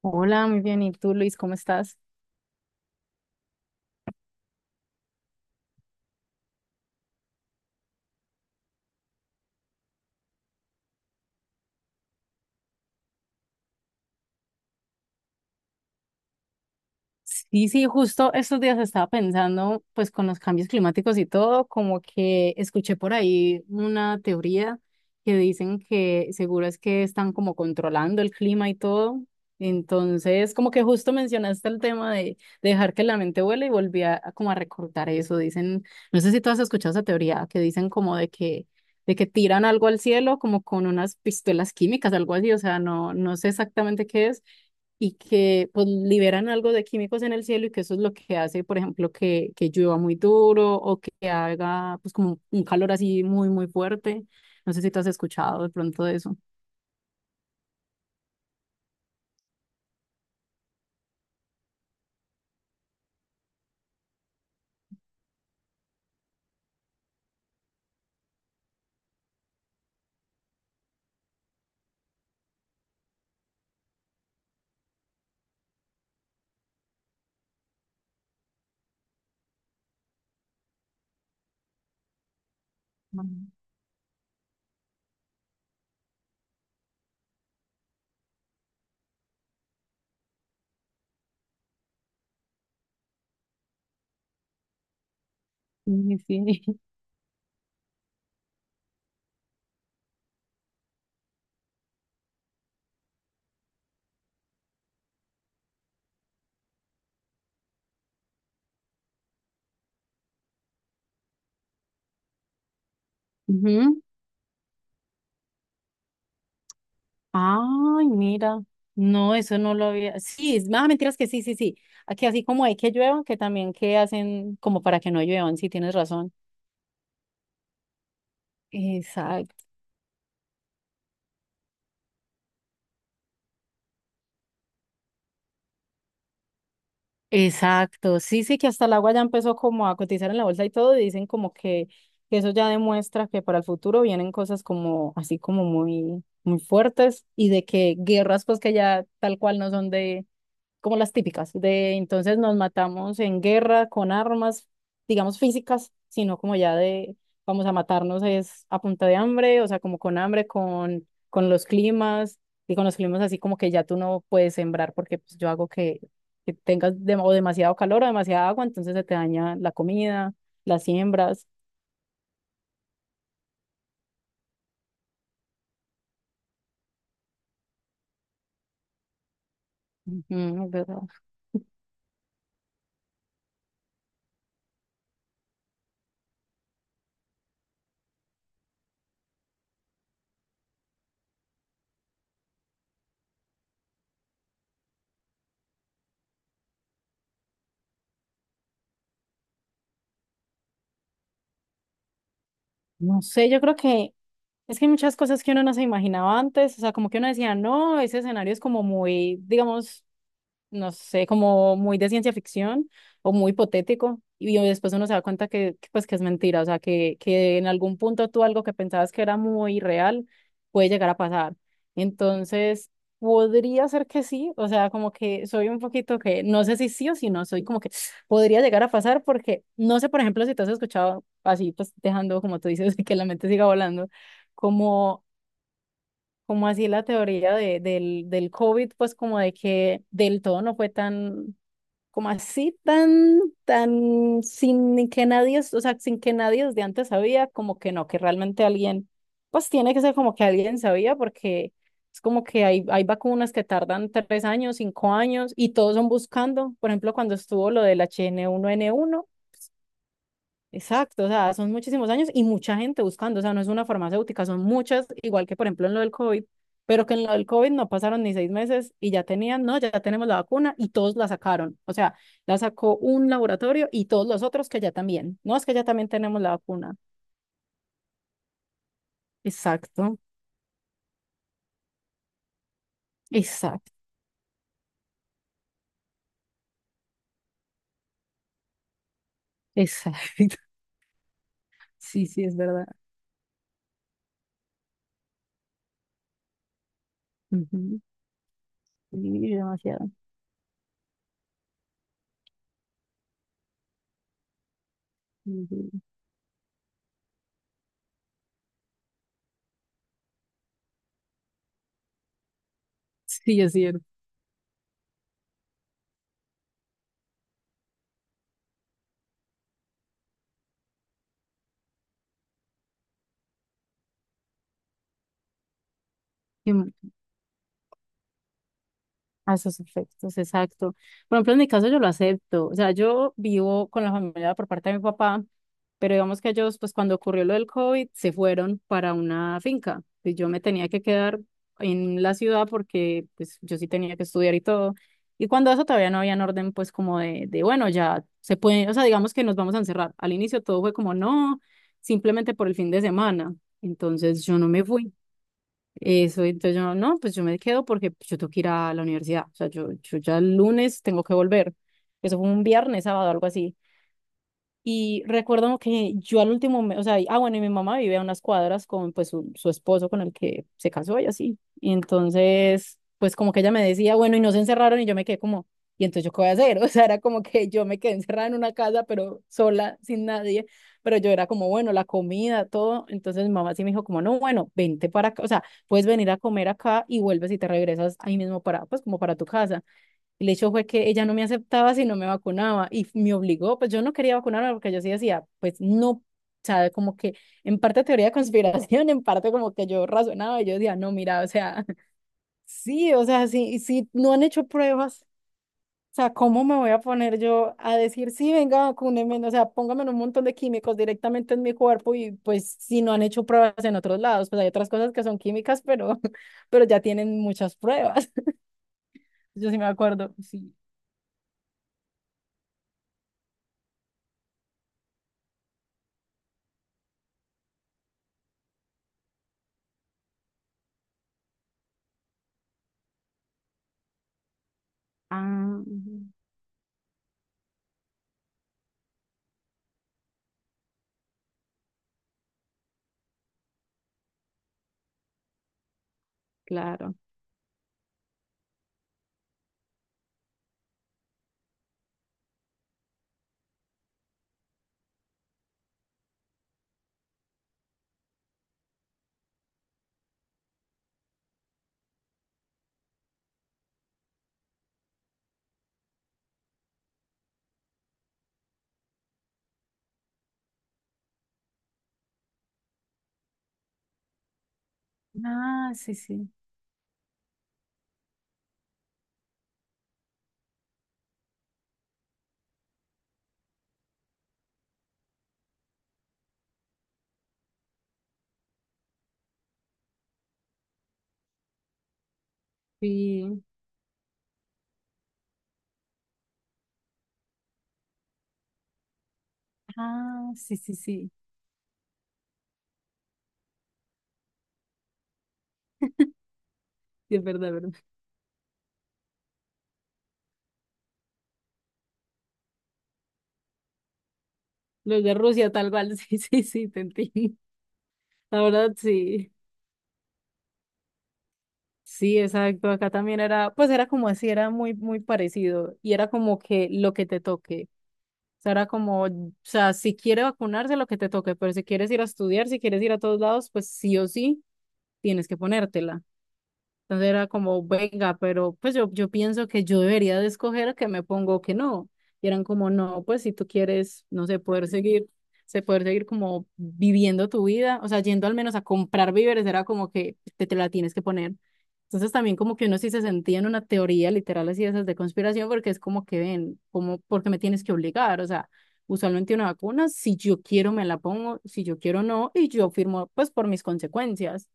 Hola, muy bien. ¿Y tú, Luis, cómo estás? Sí, sí, justo estos días estaba pensando, pues con los cambios climáticos y todo, como que escuché por ahí una teoría que dicen que seguro es que están como controlando el clima y todo. Entonces, como que justo mencionaste el tema de dejar que la mente vuele y volví a como a recordar eso. Dicen, no sé si tú has escuchado esa teoría, que dicen como de que tiran algo al cielo como con unas pistolas químicas, algo así, o sea, no, no sé exactamente qué es y que pues liberan algo de químicos en el cielo y que eso es lo que hace, por ejemplo, que llueva muy duro o que haga pues como un calor así muy, muy fuerte. No sé si tú has escuchado de pronto de eso. Ah, sí, sí. Ujú. Ay, mira. No, eso no lo había. Sí, es más mentiras que sí, sí, sí. Aquí así como hay que lluevan, que también que hacen como para que no lluevan, sí, tienes razón. Exacto. Exacto, sí, sí, que hasta el agua ya empezó como a cotizar en la bolsa y todo, y dicen como que eso ya demuestra que para el futuro vienen cosas como así como muy, muy fuertes y de que guerras pues que ya tal cual no son de como las típicas, de entonces nos matamos en guerra con armas, digamos físicas, sino como ya de vamos a matarnos es a punta de hambre, o sea, como con hambre, con los climas, y con los climas así como que ya tú no puedes sembrar porque pues, yo hago que tengas o demasiado calor o demasiada agua, entonces se te daña la comida, las siembras. Ujú, es verdad. No sé, yo creo que es que hay muchas cosas que uno no se imaginaba antes, o sea, como que uno decía, no, ese escenario es como muy, digamos, no sé, como muy de ciencia ficción o muy hipotético. Y después uno se da cuenta que, pues, que es mentira, o sea, que en algún punto tú algo que pensabas que era muy real puede llegar a pasar. Entonces, podría ser que sí, o sea, como que soy un poquito que, no sé si sí o si no, soy como que podría llegar a pasar porque, no sé, por ejemplo, si te has escuchado así, pues dejando, como tú dices, que la mente siga volando, como como así la teoría del COVID, pues como de que del todo no fue tan, como así tan, tan, sin que nadie, o sea, sin que nadie desde antes sabía, como que no, que realmente alguien, pues tiene que ser como que alguien sabía, porque es como que hay vacunas que tardan 3 años, 5 años, y todos son buscando, por ejemplo, cuando estuvo lo del H1N1. Exacto, o sea, son muchísimos años y mucha gente buscando, o sea, no es una farmacéutica, son muchas, igual que por ejemplo en lo del COVID, pero que en lo del COVID no pasaron ni 6 meses y ya tenían, no, ya tenemos la vacuna y todos la sacaron, o sea, la sacó un laboratorio y todos los otros que ya también, no, es que ya también tenemos la vacuna. Exacto, exacto, exacto. Sí, sí, es verdad. Ujú, sí, demasiado. Ujú. Sí, es cierto. A esos efectos, exacto. Por ejemplo, en mi caso yo lo acepto. O sea, yo vivo con la familia por parte de mi papá, pero digamos que ellos, pues cuando ocurrió lo del COVID, se fueron para una finca. Y yo me tenía que quedar en la ciudad porque pues yo sí tenía que estudiar y todo. Y cuando eso todavía no había un orden, pues como bueno, ya se puede, o sea, digamos que nos vamos a encerrar. Al inicio todo fue como, no, simplemente por el fin de semana. Entonces yo no me fui. Eso, entonces yo, no, pues yo me quedo porque yo tengo que ir a la universidad. O sea, yo ya el lunes tengo que volver. Eso fue un viernes, sábado, algo así. Y recuerdo que yo al último, o sea, ah, bueno, y mi mamá vive a unas cuadras con pues su esposo con el que se casó y así. Y entonces, pues como que ella me decía, bueno, y no se encerraron y yo me quedé como, ¿y entonces yo qué voy a hacer? O sea, era como que yo me quedé encerrada en una casa, pero sola, sin nadie. Pero yo era como, bueno, la comida, todo. Entonces mi mamá sí me dijo como, no, bueno, vente para acá, o sea, puedes venir a comer acá y vuelves y te regresas ahí mismo para, pues como para tu casa. El hecho fue que ella no me aceptaba si no me vacunaba y me obligó, pues yo no quería vacunarme porque yo sí decía, pues no, o sea, como que en parte teoría de conspiración, en parte como que yo razonaba y yo decía, no, mira, o sea, sí, o sea, sí, sí, no han hecho pruebas, o sea, ¿cómo me voy a poner yo a decir, sí, venga, vacúnenme, o sea, pónganme un montón de químicos directamente en mi cuerpo y pues si no han hecho pruebas en otros lados, pues hay otras cosas que son químicas, pero, pero ya tienen muchas pruebas. Yo sí me acuerdo, sí. Ah, claro. Ah, sí, sí. Sí, ah, sí, sí, sí. Sí, es verdad, verdad. Los de Rusia, tal cual, sí, sí, sí, te entiendo. La verdad, sí. Sí, exacto. Acá también era, pues era como así, era muy, muy parecido. Y era como que lo que te toque. O sea, era como, o sea, si quiere vacunarse, lo que te toque, pero si quieres ir a estudiar, si quieres ir a todos lados, pues sí o sí, tienes que ponértela. Entonces era como, venga, pero pues yo pienso que yo debería de escoger que me pongo o que no. Y eran como, no, pues si tú quieres, no sé, poder seguir, se poder seguir como viviendo tu vida, o sea, yendo al menos a comprar víveres, era como que te la tienes que poner. Entonces también como que uno sí se sentía en una teoría literal así de esas de conspiración, porque es como que ven, como, ¿porque me tienes que obligar? O sea, usualmente una vacuna, si yo quiero me la pongo, si yo quiero no, y yo firmo pues por mis consecuencias,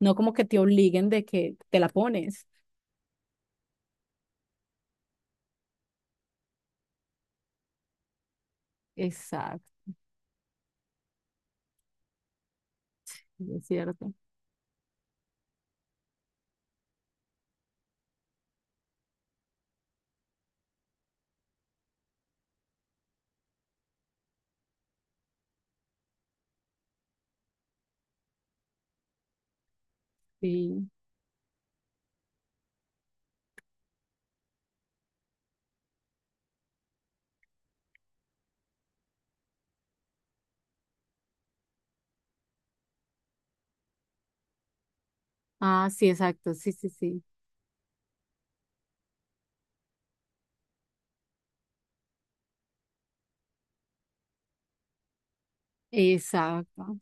no como que te obliguen de que te la pones. Exacto, es cierto. Sí. Ah, sí, exacto. Sí, sí, sí. Exacto.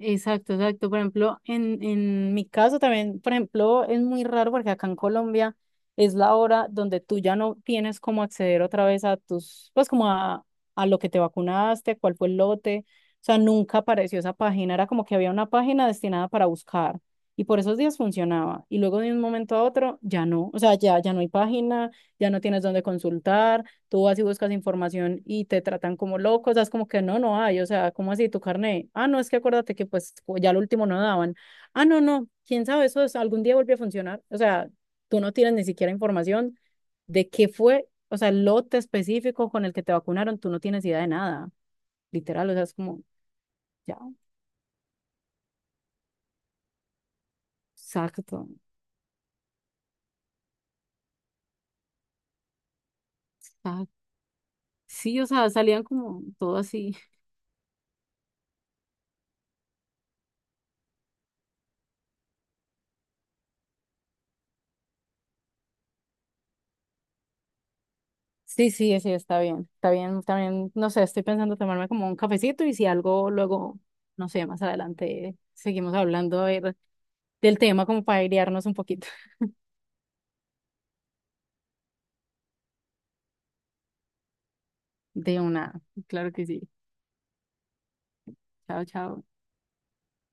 Exacto, exacto. Por ejemplo, en mi caso también, por ejemplo, es muy raro porque acá en Colombia es la hora donde tú ya no tienes cómo acceder otra vez a tus, pues como a lo que te vacunaste, cuál fue el lote. O sea, nunca apareció esa página. Era como que había una página destinada para buscar y por esos días funcionaba. Y luego de un momento a otro ya no. O sea, ya no hay página, ya no tienes dónde consultar, tú vas y buscas información y te tratan como loco, o sea, es como que no, no hay, o sea, ¿cómo así tu carnet? Ah, no, es que acuérdate que pues ya lo último no daban. Ah, no, no, quién sabe, algún día vuelve a funcionar, o sea, tú no tienes ni siquiera información de qué fue, o sea, el lote específico con el que te vacunaron, tú no tienes idea de nada, literal, o sea, es como, ya, exacto, exacto. Sí, o sea, salían como todo así. Sí, sí, sí, está bien, también, no sé, estoy pensando tomarme como un cafecito y si algo luego, no sé, más adelante seguimos hablando a ver, del tema como para airearnos un poquito. De una, claro que sí. Chao, chao.